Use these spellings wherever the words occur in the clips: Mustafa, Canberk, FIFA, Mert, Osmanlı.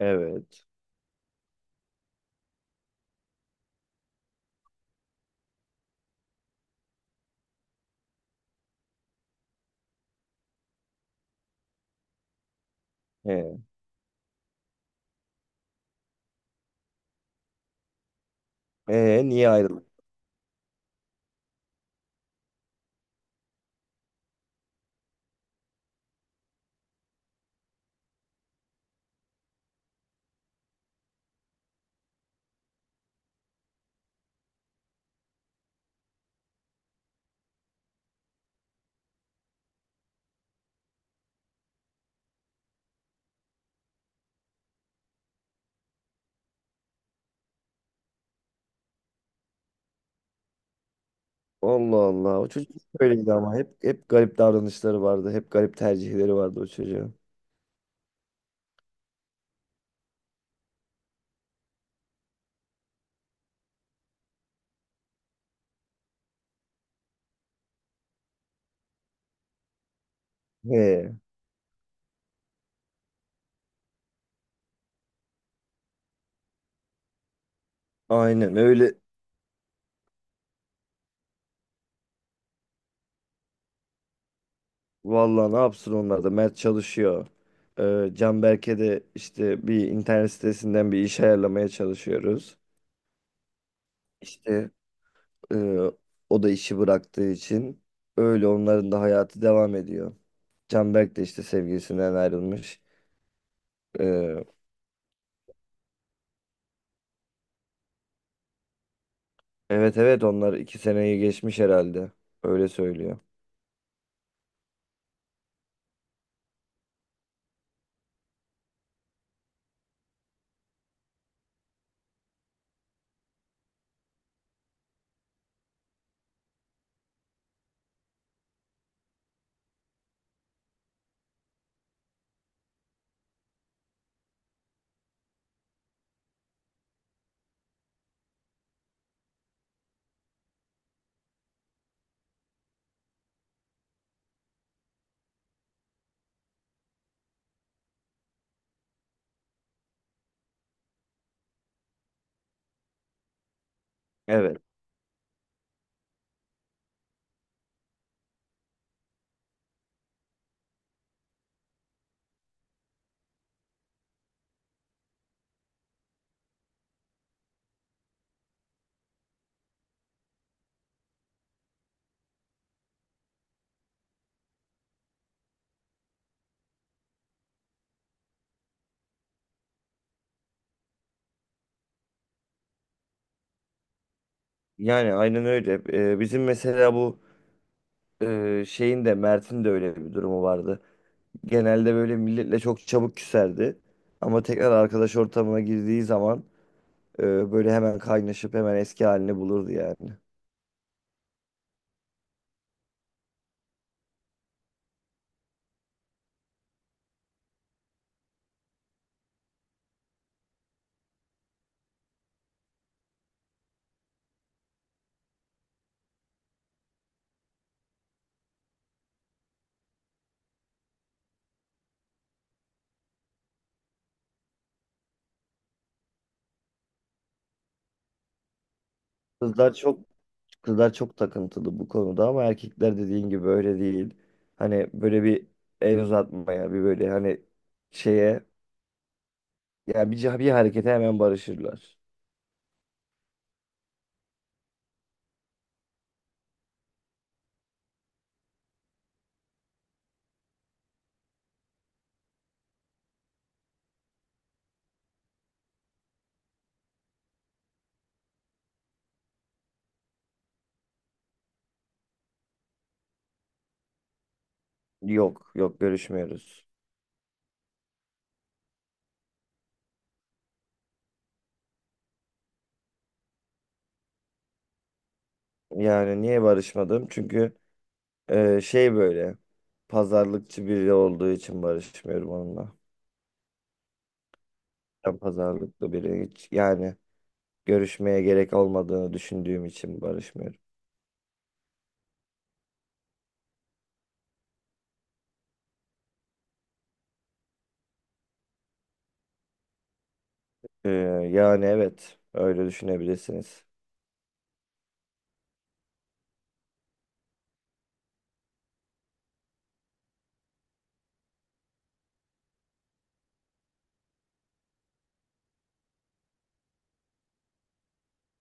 Evet. He. Niye ayrıldık? Allah Allah. O çocuk hep böyleydi ama. Hep garip davranışları vardı. Hep garip tercihleri vardı o çocuğun. He. Aynen öyle. Vallahi ne yapsın onlar da. Mert çalışıyor. Canberk'e de işte bir internet sitesinden bir iş ayarlamaya çalışıyoruz. İşte e, o da işi bıraktığı için öyle onların da hayatı devam ediyor. Canberk de işte sevgilisinden ayrılmış. Ee, Evet, evet, onlar iki seneyi geçmiş herhalde. Öyle söylüyor. Evet. Yani aynen öyle. Bizim mesela bu şeyin de Mert'in de öyle bir durumu vardı. Genelde böyle milletle çok çabuk küserdi. Ama tekrar arkadaş ortamına girdiği zaman böyle hemen kaynaşıp hemen eski halini bulurdu yani. Kızlar çok kızlar çok takıntılı bu konuda ama erkekler dediğin gibi öyle değil. Hani böyle bir el uzatmaya bir böyle hani şeye yani bir harekete hemen barışırlar. Yok, yok, görüşmüyoruz. Yani niye barışmadım? Çünkü şey böyle pazarlıkçı biri olduğu için barışmıyorum onunla. Ben pazarlıklı biri hiç yani görüşmeye gerek olmadığını düşündüğüm için barışmıyorum. E, Yani evet öyle düşünebilirsiniz.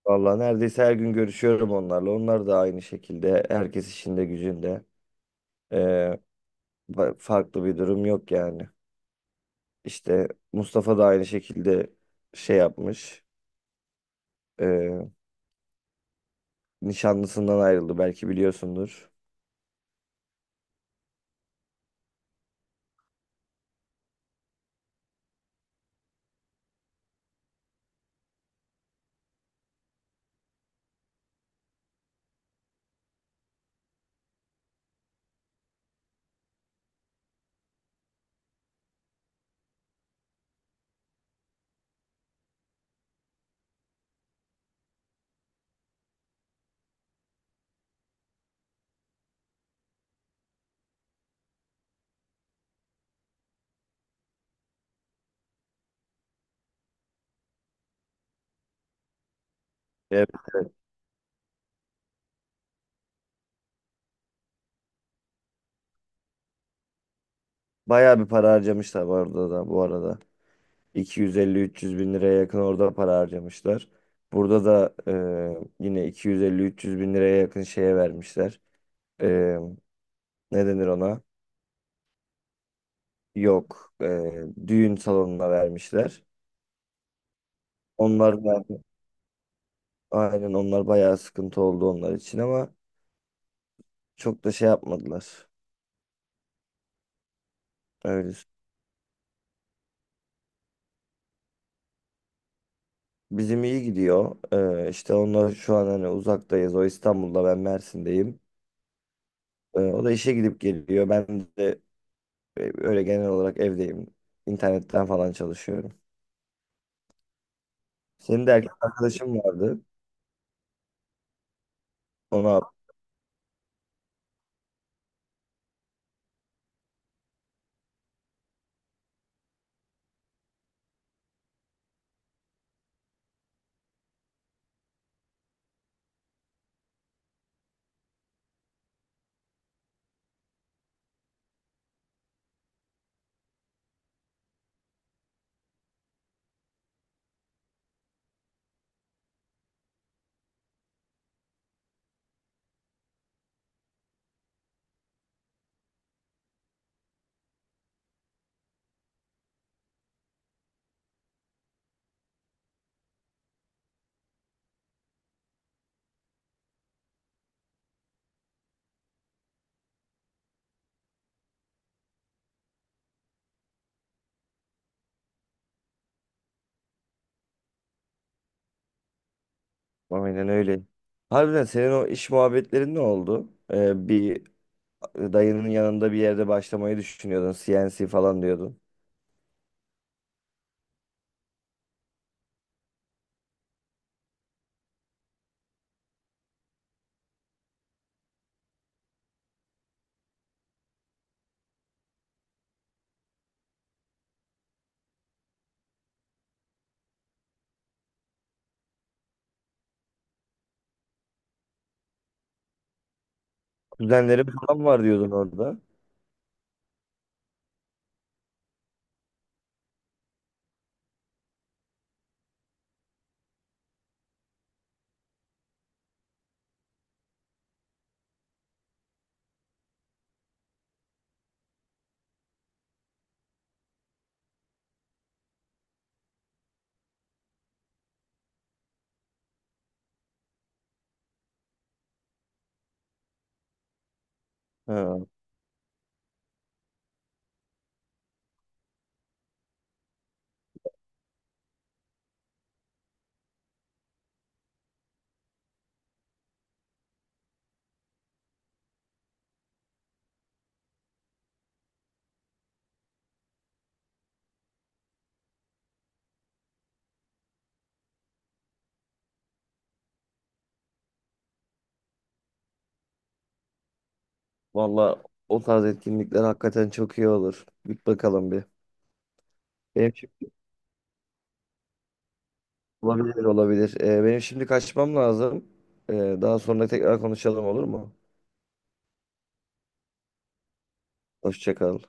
Vallahi neredeyse her gün görüşüyorum onlarla. Onlar da aynı şekilde herkes işinde gücünde. E, Farklı bir durum yok yani. İşte Mustafa da aynı şekilde şey yapmış. Nişanlısından ayrıldı, belki biliyorsundur. Evet. Bayağı bir para harcamışlar orada da bu arada. 250-300 bin liraya yakın orada para harcamışlar. Burada da yine iki yüz elli üç yüz bin liraya yakın şeye vermişler. E, Ne denir ona? Yok. Düğün salonuna vermişler. Onlar da aynen onlar bayağı sıkıntı oldu onlar için ama çok da şey yapmadılar. Öyle. Bizim iyi gidiyor. İşte onlar şu an hani uzaktayız. O İstanbul'da, ben Mersin'deyim. O da işe gidip geliyor. Ben de öyle genel olarak evdeyim. İnternetten falan çalışıyorum. Senin de erkek arkadaşın vardı. Onu ab- aynen öyle. Harbiden senin o iş muhabbetlerin ne oldu? Bir dayının yanında bir yerde başlamayı düşünüyordun. CNC falan diyordun. Kuzenlerim falan var diyordun orada. Ha, valla o tarz etkinlikler hakikaten çok iyi olur. Bir bakalım bir. Benim şimdi olabilir, olabilir. Benim şimdi kaçmam lazım. Ee, Daha sonra tekrar konuşalım, olur mu? Hoşça kal.